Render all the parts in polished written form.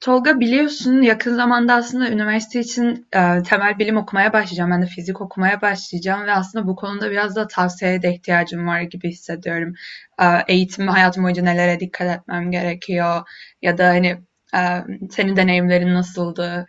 Tolga biliyorsun yakın zamanda aslında üniversite için temel bilim okumaya başlayacağım. Ben de fizik okumaya başlayacağım ve aslında bu konuda biraz da tavsiyeye de ihtiyacım var gibi hissediyorum. Eğitim hayatım boyunca nelere dikkat etmem gerekiyor ya da hani eee, senin deneyimlerin nasıldı?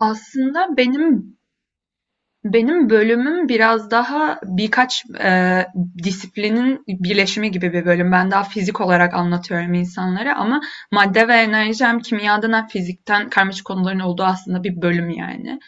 Aslında benim Benim bölümüm biraz daha birkaç, disiplinin birleşimi gibi bir bölüm. Ben daha fizik olarak anlatıyorum insanlara ama madde ve enerji hem kimyadan hem fizikten karmaşık konuların olduğu aslında bir bölüm yani.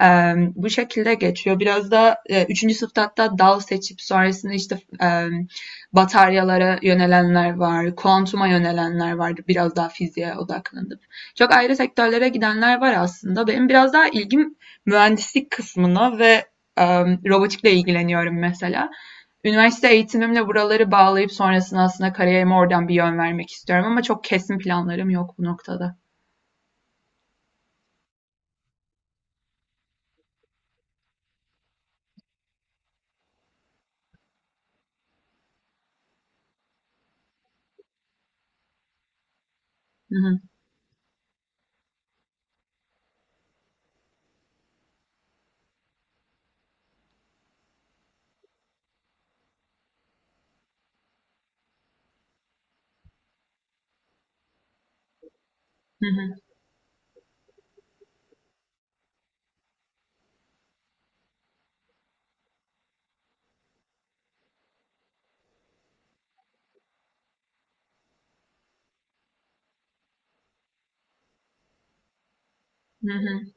Bu şekilde geçiyor. Biraz da, 3. sınıfta hatta dal seçip sonrasında, işte, bataryalara yönelenler var, kuantuma yönelenler vardı biraz daha fiziğe odaklanıp. Çok ayrı sektörlere gidenler var aslında. Benim biraz daha ilgim mühendislik kısmına ve robotikle ilgileniyorum mesela. Üniversite eğitimimle buraları bağlayıp sonrasında aslında kariyerime oradan bir yön vermek istiyorum ama çok kesin planlarım yok bu noktada. Hı hı. Hı hı. Hı hı.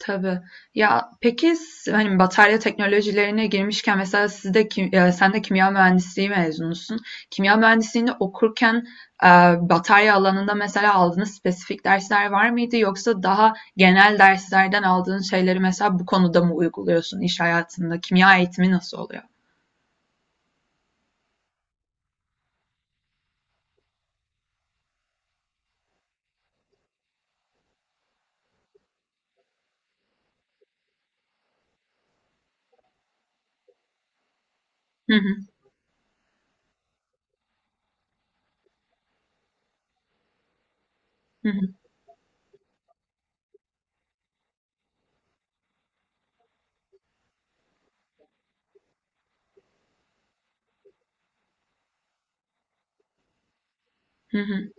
Tabii. Ya, peki hani, batarya teknolojilerine girmişken mesela siz de kim sen de kimya mühendisliği mezunusun. Kimya mühendisliğini okurken, batarya alanında mesela aldığınız spesifik dersler var mıydı? Yoksa daha genel derslerden aldığın şeyleri mesela bu konuda mı uyguluyorsun iş hayatında? Kimya eğitimi nasıl oluyor? Hı hı. Hı hı.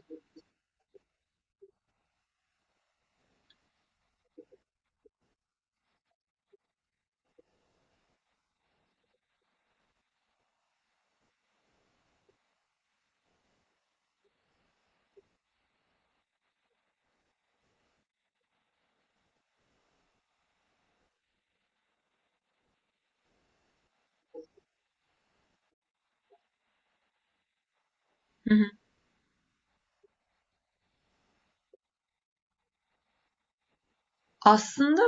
Hı hı. Aslında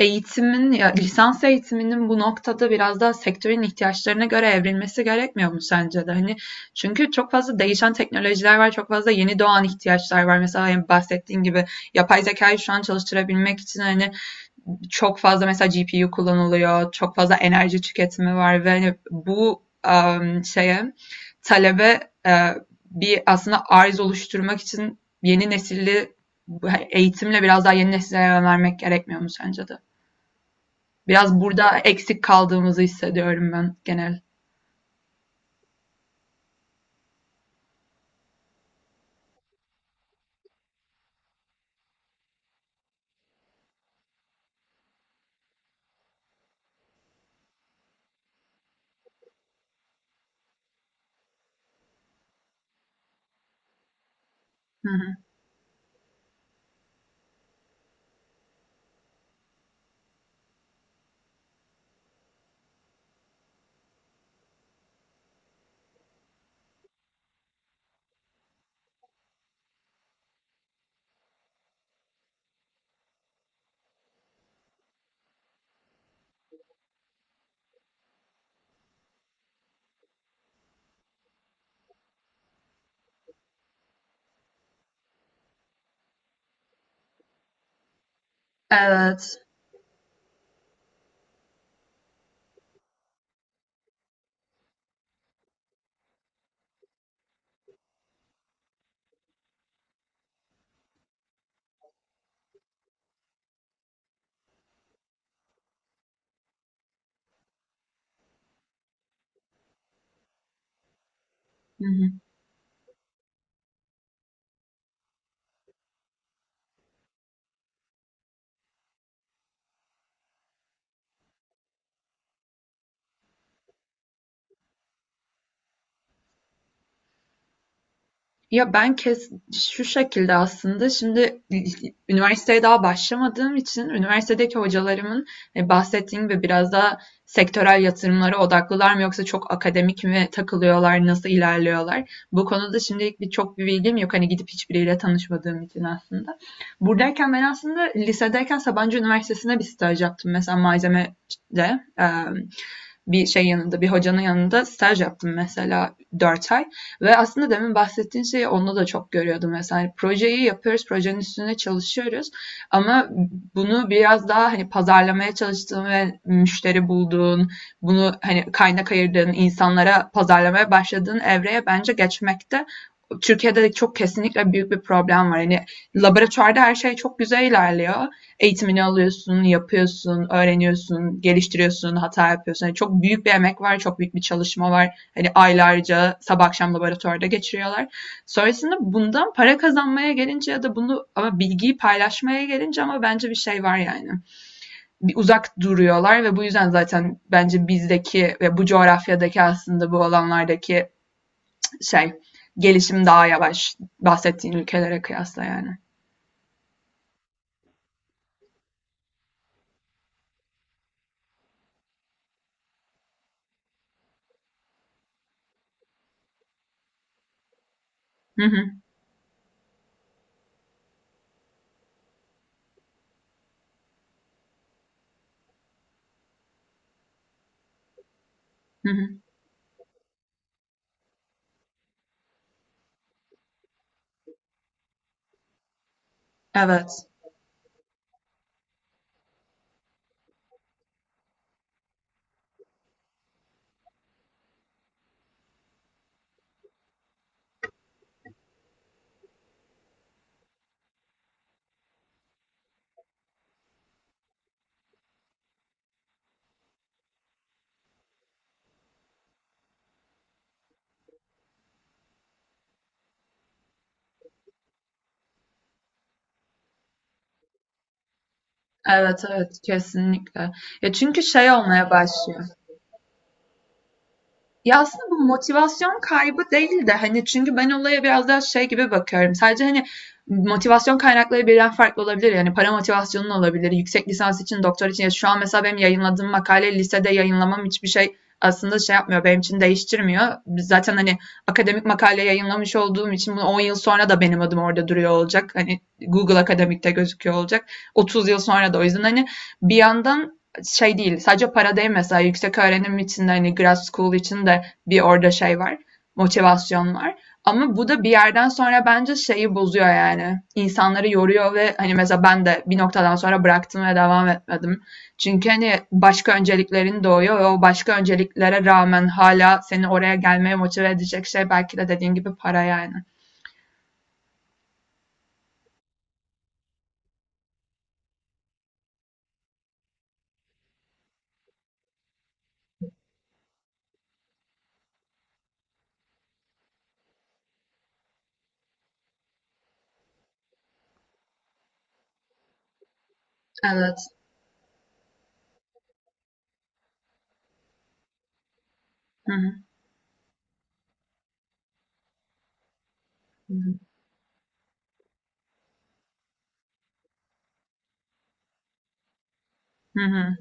eğitimin, ya lisans eğitiminin bu noktada biraz daha sektörün ihtiyaçlarına göre evrilmesi gerekmiyor mu sence de? Hani çünkü çok fazla değişen teknolojiler var, çok fazla yeni doğan ihtiyaçlar var. Mesela hani bahsettiğin gibi yapay zekayı şu an çalıştırabilmek için hani çok fazla mesela GPU kullanılıyor, çok fazla enerji tüketimi var ve hani şeye talebe e, bir aslında arz oluşturmak için yeni nesilli eğitimle biraz daha yeni nesillere yönelmek gerekmiyor mu sence de? Biraz burada eksik kaldığımızı hissediyorum ben genel. Hı hı. Evet. Hı hı. Ya ben kes Şu şekilde aslında şimdi üniversiteye daha başlamadığım için üniversitedeki hocalarımın bahsettiğim gibi biraz daha sektörel yatırımlara odaklılar mı yoksa çok akademik mi takılıyorlar, nasıl ilerliyorlar? Bu konuda şimdilik bir bilgim yok. Hani gidip hiçbiriyle tanışmadığım için aslında. Buradayken ben aslında lisedeyken Sabancı Üniversitesi'ne bir staj yaptım. Mesela malzemede e, bir hocanın yanında staj yaptım mesela 4 ay. Ve aslında demin bahsettiğin şeyi onda da çok görüyordum. Mesela hani projeyi yapıyoruz, projenin üstüne çalışıyoruz. Ama bunu biraz daha hani pazarlamaya çalıştığın ve müşteri bulduğun, bunu hani kaynak ayırdığın, insanlara pazarlamaya başladığın evreye bence geçmekte Türkiye'de de çok kesinlikle büyük bir problem var. Yani laboratuvarda her şey çok güzel ilerliyor. Eğitimini alıyorsun, yapıyorsun, öğreniyorsun, geliştiriyorsun, hata yapıyorsun. Yani çok büyük bir emek var, çok büyük bir çalışma var. Hani aylarca sabah akşam laboratuvarda geçiriyorlar. Sonrasında bundan para kazanmaya gelince ya da bunu ama bilgiyi paylaşmaya gelince ama bence bir şey var yani. Bir uzak duruyorlar ve bu yüzden zaten bence bizdeki ve bu coğrafyadaki aslında bu alanlardaki şey gelişim daha yavaş bahsettiğin ülkelere kıyasla yani. Hı hı, hı hı. Evet. Evet evet kesinlikle. Ya çünkü şey olmaya başlıyor. Ya aslında bu motivasyon kaybı değil de hani çünkü ben olaya biraz daha şey gibi bakıyorum. Sadece hani motivasyon kaynakları birden farklı olabilir. Yani para motivasyonun olabilir. Yüksek lisans için, doktor için. Ya şu an mesela benim yayınladığım makale lisede yayınlamam hiçbir şey aslında şey yapmıyor. Benim için değiştirmiyor. Zaten hani akademik makale yayınlamış olduğum için bunu 10 yıl sonra da benim adım orada duruyor olacak. Hani Google Akademik'te gözüküyor olacak. 30 yıl sonra da o yüzden hani bir yandan şey değil. Sadece para değil mesela yüksek öğrenim için de hani grad school için de bir orada şey var. Motivasyon var. Ama bu da bir yerden sonra bence şeyi bozuyor yani. İnsanları yoruyor ve hani mesela ben de bir noktadan sonra bıraktım ve devam etmedim. Çünkü hani başka önceliklerin doğuyor ve o başka önceliklere rağmen hala seni oraya gelmeye motive edecek şey belki de dediğin gibi para yani. Evet. Hı hı. Hı hı.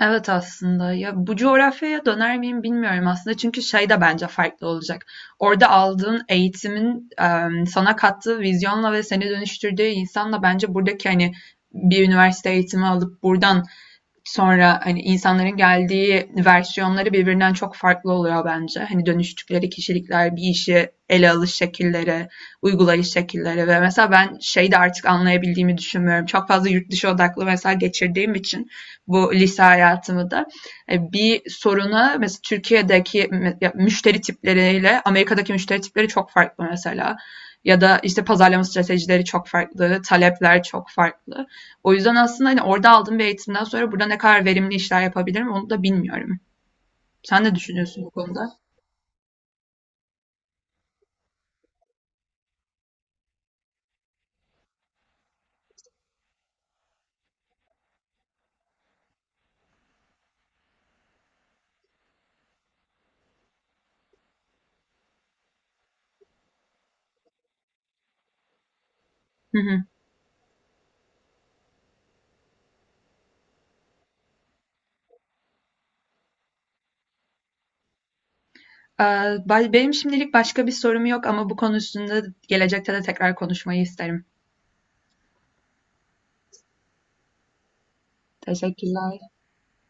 Evet aslında. Ya bu coğrafyaya döner miyim bilmiyorum aslında. Çünkü şey de bence farklı olacak. Orada aldığın eğitimin, sana kattığı vizyonla ve seni dönüştürdüğü insanla bence buradaki hani bir üniversite eğitimi alıp buradan sonra, hani, insanların geldiği versiyonları birbirinden çok farklı oluyor bence. Hani, dönüştükleri kişilikler, bir işi ele alış şekilleri, uygulayış şekilleri ve mesela ben şeyi de artık anlayabildiğimi düşünmüyorum. Çok fazla yurt dışı odaklı mesela geçirdiğim için bu lise hayatımı da, bir soruna mesela Türkiye'deki müşteri tipleriyle Amerika'daki müşteri tipleri çok farklı mesela ya da, işte, pazarlama stratejileri çok farklı, talepler çok farklı. O yüzden aslında hani orada aldığım bir eğitimden sonra burada ne kadar verimli işler yapabilirim onu da bilmiyorum. Sen ne düşünüyorsun bu konuda? Hı hı. Ee, Benim şimdilik başka bir sorum yok ama bu konu üstünde gelecekte de tekrar konuşmayı isterim. Teşekkürler.